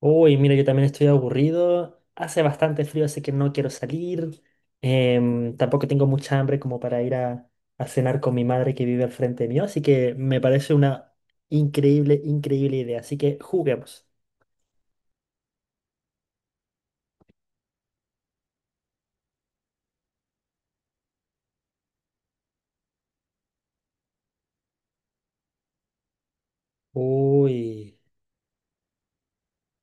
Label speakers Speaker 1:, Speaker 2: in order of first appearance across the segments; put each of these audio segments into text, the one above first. Speaker 1: Uy, mira, yo también estoy aburrido. Hace bastante frío, así que no quiero salir. Tampoco tengo mucha hambre como para a cenar con mi madre que vive al frente mío, así que me parece una increíble, increíble idea. Así que juguemos. Uy,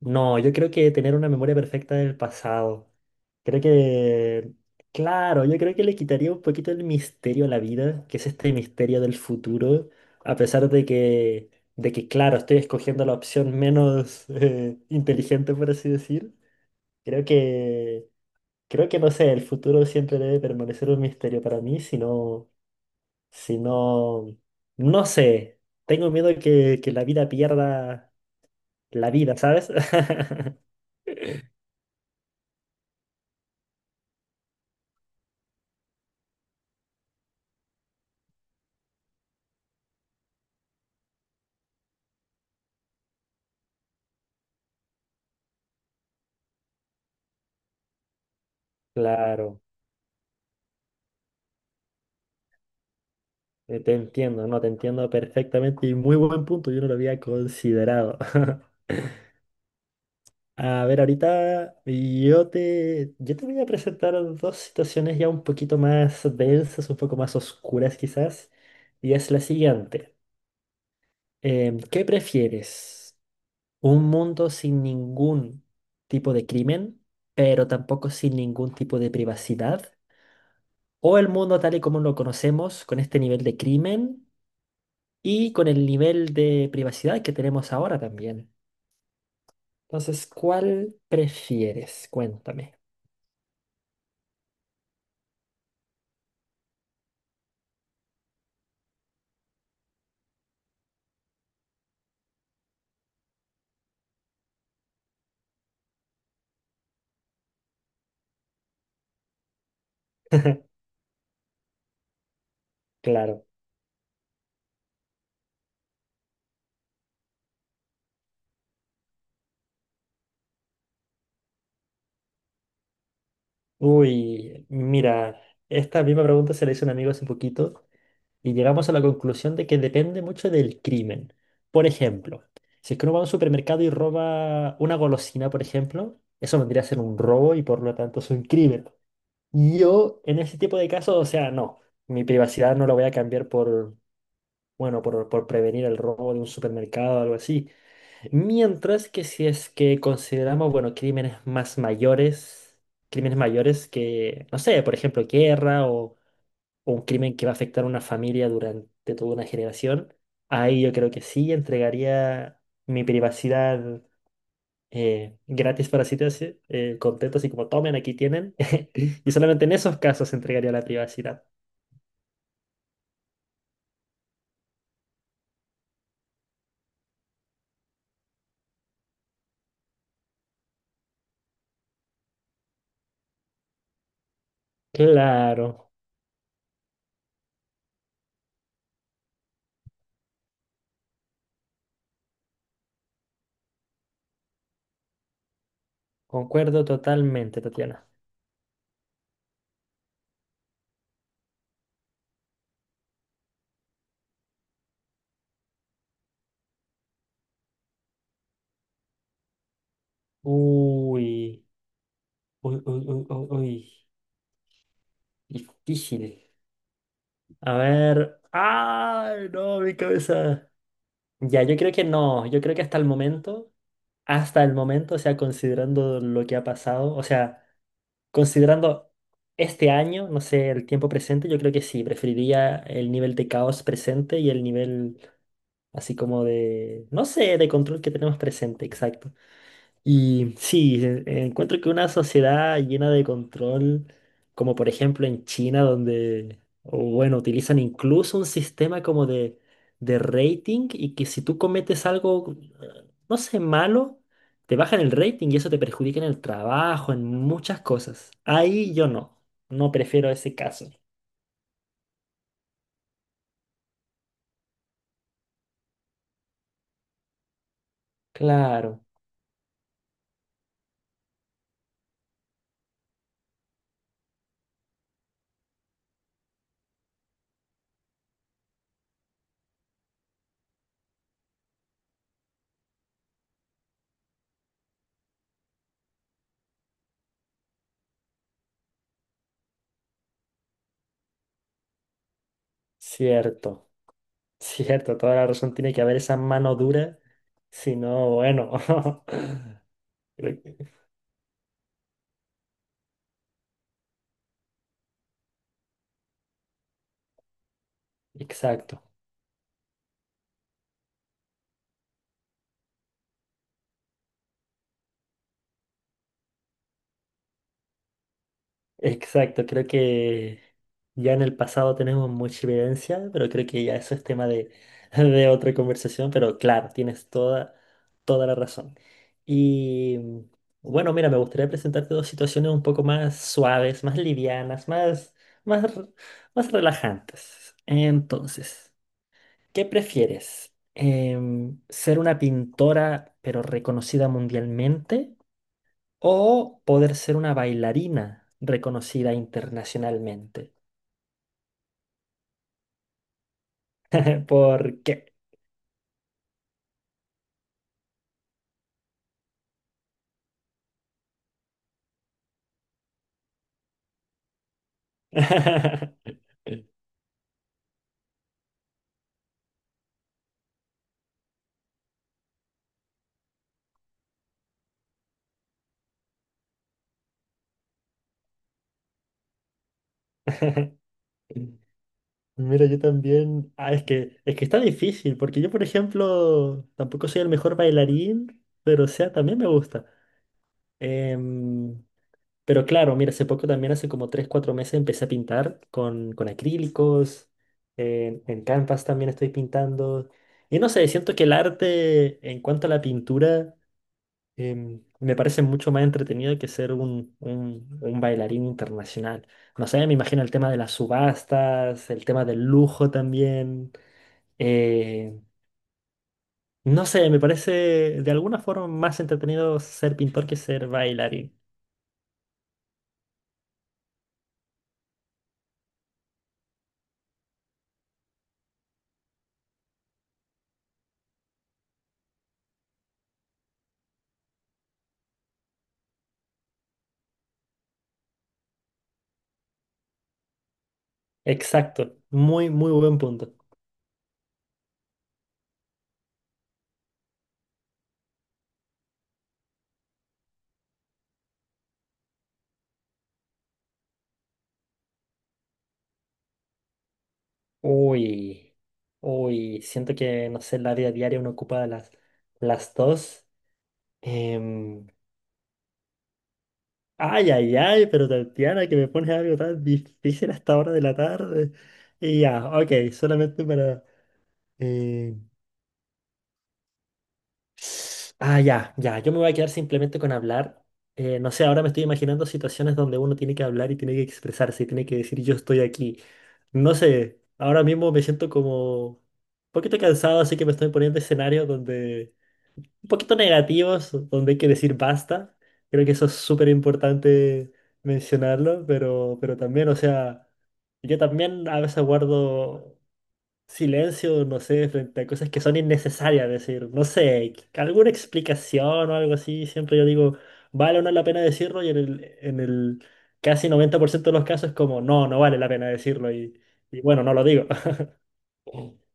Speaker 1: no, yo creo que tener una memoria perfecta del pasado. Creo que, claro, yo creo que le quitaría un poquito el misterio a la vida, que es este misterio del futuro, a pesar de que claro, estoy escogiendo la opción menos inteligente, por así decir. Creo que, Creo que no sé, el futuro siempre debe permanecer un misterio para mí, si no, si no, no sé, tengo miedo que la vida pierda la vida, ¿sabes? Claro. Te entiendo, no, te entiendo perfectamente y muy buen punto, yo no lo había considerado. A ver, yo te voy a presentar dos situaciones ya un poquito más densas, un poco más oscuras quizás, y es la siguiente. ¿Qué prefieres? ¿Un mundo sin ningún tipo de crimen, pero tampoco sin ningún tipo de privacidad? ¿O el mundo tal y como lo conocemos, con este nivel de crimen y con el nivel de privacidad que tenemos ahora también? Entonces, ¿cuál prefieres? Cuéntame. Claro. Uy, mira, esta misma pregunta se la hizo un amigo hace poquito y llegamos a la conclusión de que depende mucho del crimen. Por ejemplo, si es que uno va a un supermercado y roba una golosina, por ejemplo, eso vendría a ser un robo y por lo tanto es un crimen. Yo, en ese tipo de casos, o sea, no, mi privacidad no la voy a cambiar bueno, por prevenir el robo de un supermercado o algo así. Mientras que si es que consideramos, bueno, crímenes más mayores, crímenes mayores que, no sé, por ejemplo, guerra o un crimen que va a afectar a una familia durante toda una generación, ahí yo creo que sí entregaría mi privacidad gratis para sitios contentos y como tomen, aquí tienen. Y solamente en esos casos entregaría la privacidad. Claro, concuerdo totalmente, Tatiana. Uy, uy, uy, uy, uy, uy. Difícil. A ver. ¡Ay, no, mi cabeza! Ya, yo creo que no. Yo creo que hasta el momento, o sea, considerando lo que ha pasado, o sea, considerando este año, no sé, el tiempo presente, yo creo que sí. Preferiría el nivel de caos presente y el nivel así como de, no sé, de control que tenemos presente, exacto. Y sí, encuentro que una sociedad llena de control, como por ejemplo en China, donde, o bueno, utilizan incluso un sistema como de rating y que si tú cometes algo, no sé, malo, te bajan el rating y eso te perjudica en el trabajo, en muchas cosas. Ahí yo no, no prefiero ese caso. Claro, cierto, cierto, toda la razón tiene que haber esa mano dura, si no, bueno. creo que- Exacto, exacto. Creo que ya en el pasado tenemos mucha evidencia, pero creo que ya eso es tema de, de otra conversación. Pero claro, tienes toda, toda la razón. Y bueno, mira, me gustaría presentarte dos situaciones un poco más suaves, más livianas, más, r- más relajantes. Entonces, ¿qué prefieres? ¿Ser una pintora pero reconocida mundialmente o poder ser una bailarina reconocida internacionalmente? ¿Por qué? Mira, yo también. Ah, es que está difícil, porque yo, por ejemplo, tampoco soy el mejor bailarín, pero o sea, también me gusta. Em, pero claro, mira, hace poco también, hace como 3 4 meses, empecé a pintar con acrílicos. En Canvas también estoy pintando. Y no sé, siento que el arte, en cuanto a la pintura, me parece mucho más entretenido que ser un, un bailarín internacional. No sé, me imagino el tema de las subastas, el tema del lujo también. eh, no sé, me parece de alguna forma más entretenido ser pintor que ser bailarín. Exacto, muy, muy buen punto. Uy, uy, siento que, no sé, en la vida diaria uno ocupa las dos. Em, Ay, ay, ay, pero Tatiana, que me pones algo tan difícil hasta ahora de la tarde. Y ya, ok, solamente para... eh, Ah, ya, ya, yo me voy a quedar simplemente con hablar. No sé, ahora me estoy imaginando situaciones donde uno tiene que hablar y tiene que expresarse y tiene que decir yo estoy aquí. No sé, ahora mismo me siento como un poquito cansado, así que me estoy poniendo escenarios donde un poquito negativos, donde hay que decir basta. Creo que eso es súper importante mencionarlo, pero también, o sea, yo también a veces guardo silencio, no sé, frente a cosas que son innecesarias, decir, no sé, alguna explicación o algo así, siempre yo digo, vale o no la pena decirlo y en el casi 90% de los casos es como, no, no vale la pena decirlo y bueno, no lo digo.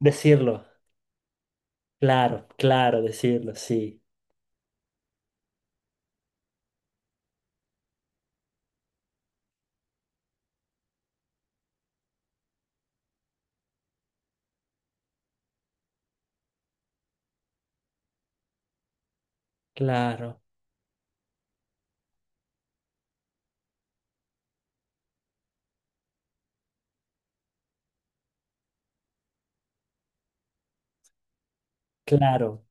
Speaker 1: Decirlo, claro, claro, decirlo, sí, claro, claro.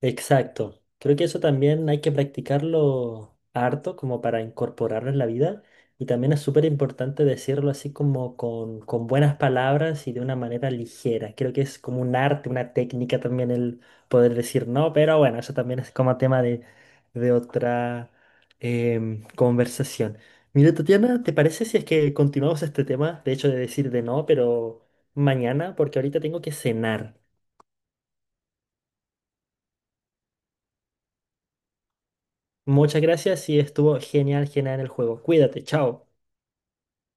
Speaker 1: Exacto. Creo que eso también hay que practicarlo harto como para incorporarlo en la vida. Y también es súper importante decirlo así como con buenas palabras y de una manera ligera. Creo que es como un arte, una técnica también el poder decir no, pero bueno, eso también es como tema de otra conversación. Mira, Tatiana, ¿te parece si es que continuamos este tema? De hecho, de decir de no, pero mañana, porque ahorita tengo que cenar. Muchas gracias y estuvo genial, genial el juego. Cuídate, chao.